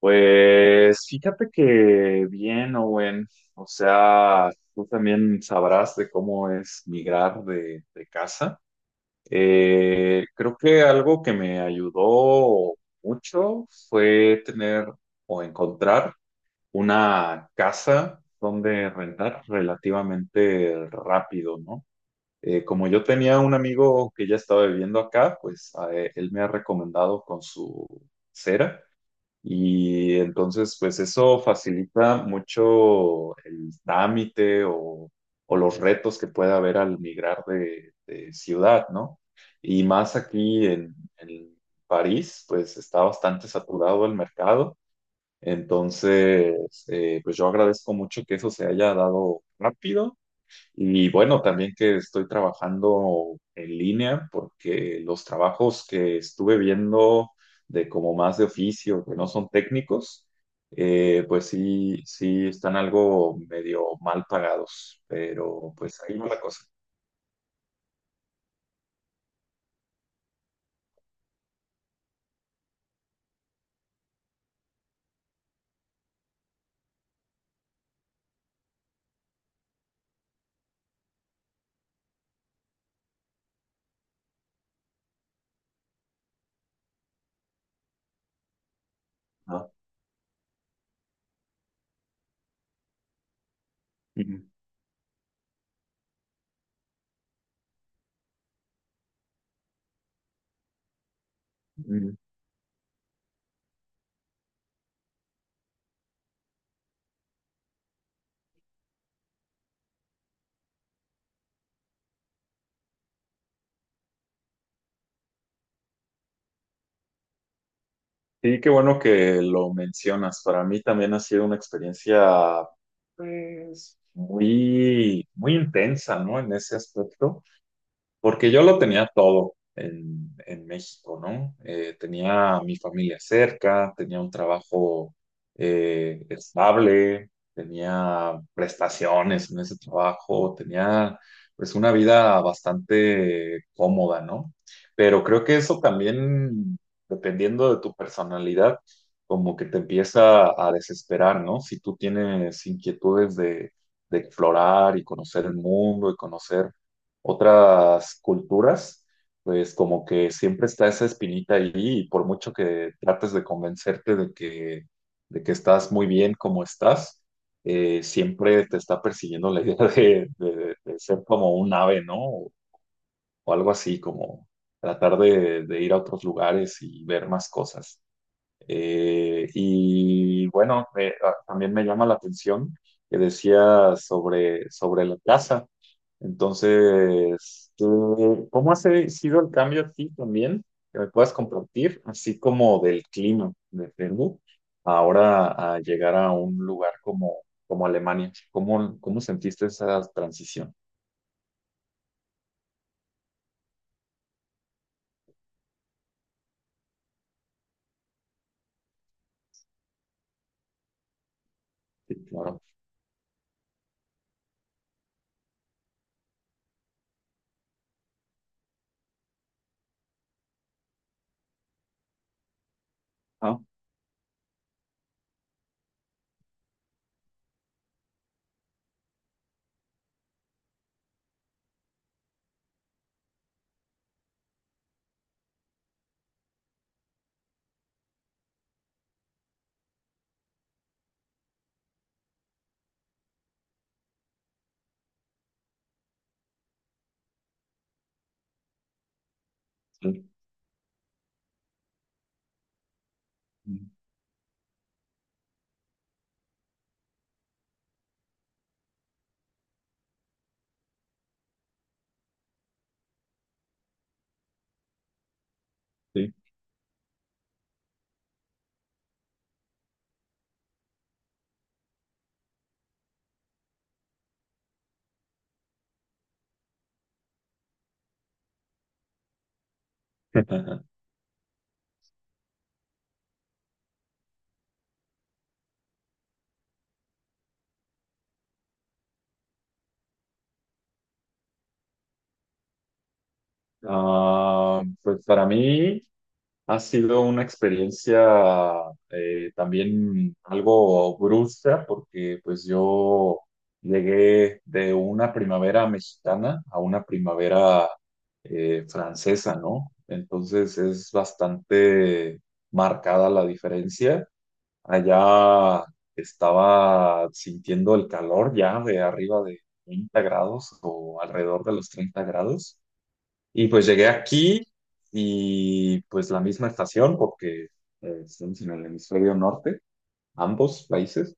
Pues fíjate que bien, Owen. O sea, tú también sabrás de cómo es migrar de casa. Creo que algo que me ayudó mucho fue tener o encontrar una casa donde rentar relativamente rápido, ¿no? Como yo tenía un amigo que ya estaba viviendo acá, pues a él me ha recomendado con su cera. Y entonces, pues eso facilita mucho el trámite o los retos que pueda haber al migrar de ciudad, ¿no? Y más aquí en París, pues está bastante saturado el mercado. Entonces, pues yo agradezco mucho que eso se haya dado rápido y bueno, también que estoy trabajando en línea porque los trabajos que estuve viendo de como más de oficio, que no son técnicos, pues sí, sí están algo medio mal pagados, pero pues ahí va la cosa, ¿no? Ujú, ujú. Sí, qué bueno que lo mencionas. Para mí también ha sido una experiencia, pues, muy, muy intensa, ¿no? En ese aspecto. Porque yo lo tenía todo en México, ¿no? Tenía a mi familia cerca, tenía un trabajo estable, tenía prestaciones en ese trabajo, tenía pues una vida bastante cómoda, ¿no? Pero creo que eso también, dependiendo de tu personalidad, como que te empieza a desesperar, ¿no? Si tú tienes inquietudes de explorar y conocer el mundo y conocer otras culturas, pues como que siempre está esa espinita ahí y por mucho que trates de convencerte de que estás muy bien como estás, siempre te está persiguiendo la idea de, de ser como un ave, ¿no? O algo así, como tratar de ir a otros lugares y ver más cosas. Y bueno, también me llama la atención que decía sobre la casa. Entonces, tú, ¿cómo ha sido el cambio aquí también? Que me puedas compartir, así como del clima de Perú, ahora a llegar a un lugar como, como Alemania. ¿Cómo, cómo sentiste esa transición? Sí, claro. Ah, sí. Sí. Ah, pues para mí. Ha sido una experiencia también algo brusca porque pues yo llegué de una primavera mexicana a una primavera francesa, ¿no? Entonces es bastante marcada la diferencia. Allá estaba sintiendo el calor ya de arriba de 30 grados o alrededor de los 30 grados. Y pues llegué aquí y pues la misma estación, porque estamos en el hemisferio norte, ambos países,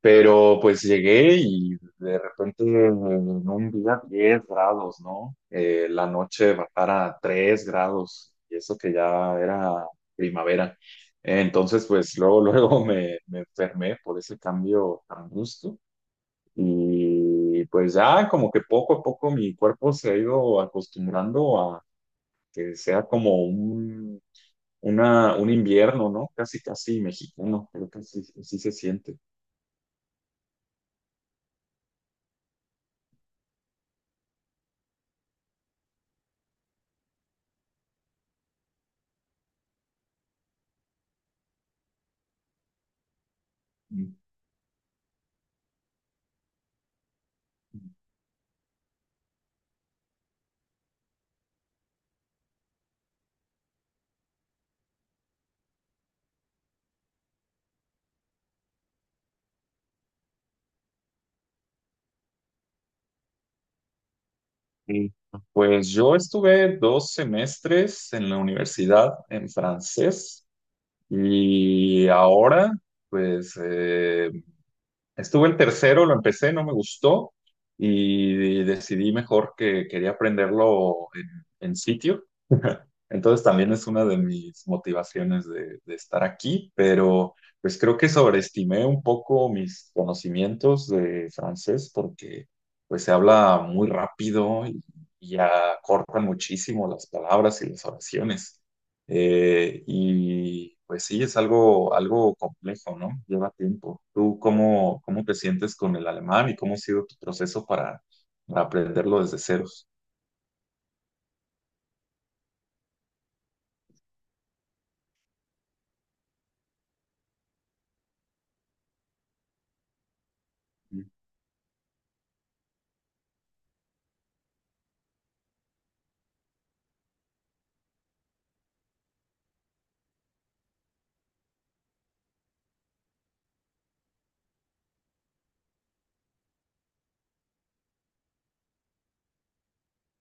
pero pues llegué y de repente en un día 10 grados, ¿no? La noche bajar a 3 grados y eso que ya era primavera. Entonces pues luego, luego me enfermé por ese cambio tan brusco. Y pues ya como que poco a poco mi cuerpo se ha ido acostumbrando que sea como un invierno, ¿no? Casi, casi mexicano, creo que sí sí se siente. Mm. Sí. Pues yo estuve 2 semestres en la universidad en francés y ahora, pues estuve el tercero, lo empecé, no me gustó y decidí mejor que quería aprenderlo en sitio. Entonces también es una de mis motivaciones de estar aquí, pero pues creo que sobreestimé un poco mis conocimientos de francés porque pues se habla muy rápido y acortan muchísimo las palabras y las oraciones. Y pues sí, es algo, algo complejo, ¿no? Lleva tiempo. ¿Tú cómo, cómo te sientes con el alemán y cómo ha sido tu proceso para aprenderlo desde ceros? Mm.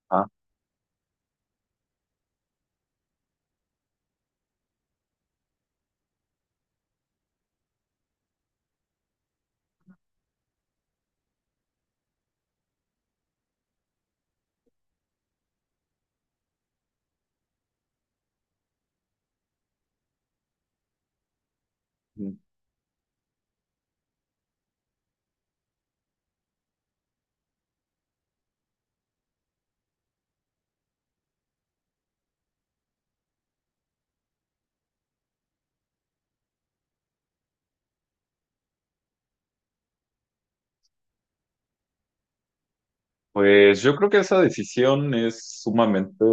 Ah. Mm. Pues yo creo que esa decisión es sumamente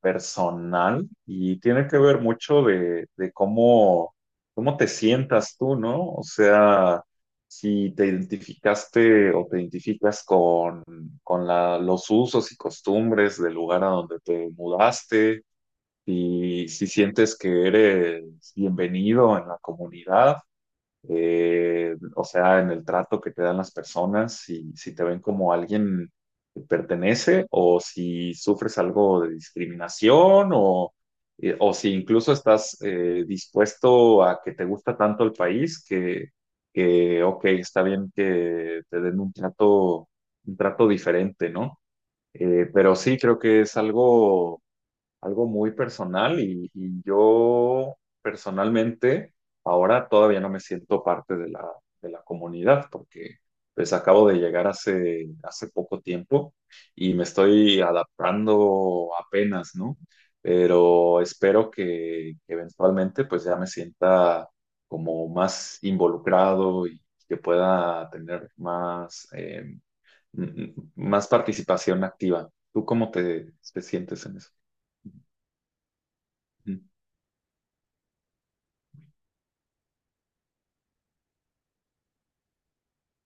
personal y tiene que ver mucho de cómo, cómo te sientas tú, ¿no? O sea, si te identificaste o te identificas con los usos y costumbres del lugar a donde te mudaste, y si sientes que eres bienvenido en la comunidad, o sea, en el trato que te dan las personas, si, si te ven como alguien que pertenece o si sufres algo de discriminación o si incluso estás dispuesto a que te gusta tanto el país que, ok, está bien que te den un trato diferente, ¿no? Pero sí, creo que es algo, algo muy personal y yo personalmente ahora todavía no me siento parte de la comunidad porque pues acabo de llegar hace, hace poco tiempo y me estoy adaptando apenas, ¿no? Pero espero que eventualmente pues ya me sienta como más involucrado y que pueda tener más, más participación activa. ¿Tú cómo te, te sientes en eso?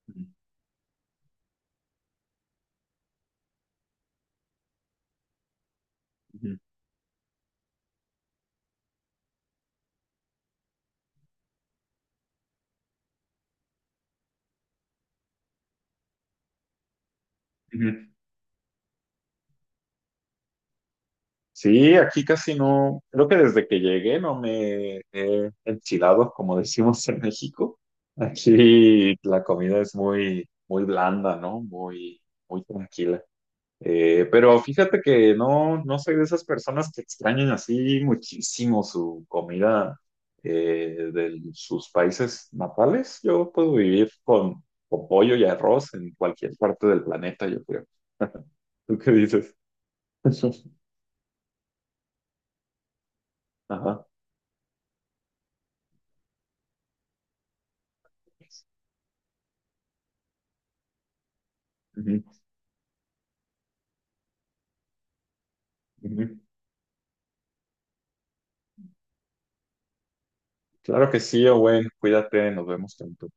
Ujú, ujú. Sí, aquí casi no, creo que desde que llegué no me he enchilado, como decimos en México. Aquí la comida es muy, muy blanda, ¿no? Muy, muy tranquila. Pero fíjate que no, no soy de esas personas que extrañan así muchísimo su comida de sus países natales. Yo puedo vivir con pollo y arroz en cualquier parte del planeta, yo creo. ¿Tú qué dices? Ajá. Ujú, ujú. Claro que sí, Owen. Cuídate, nos vemos pronto.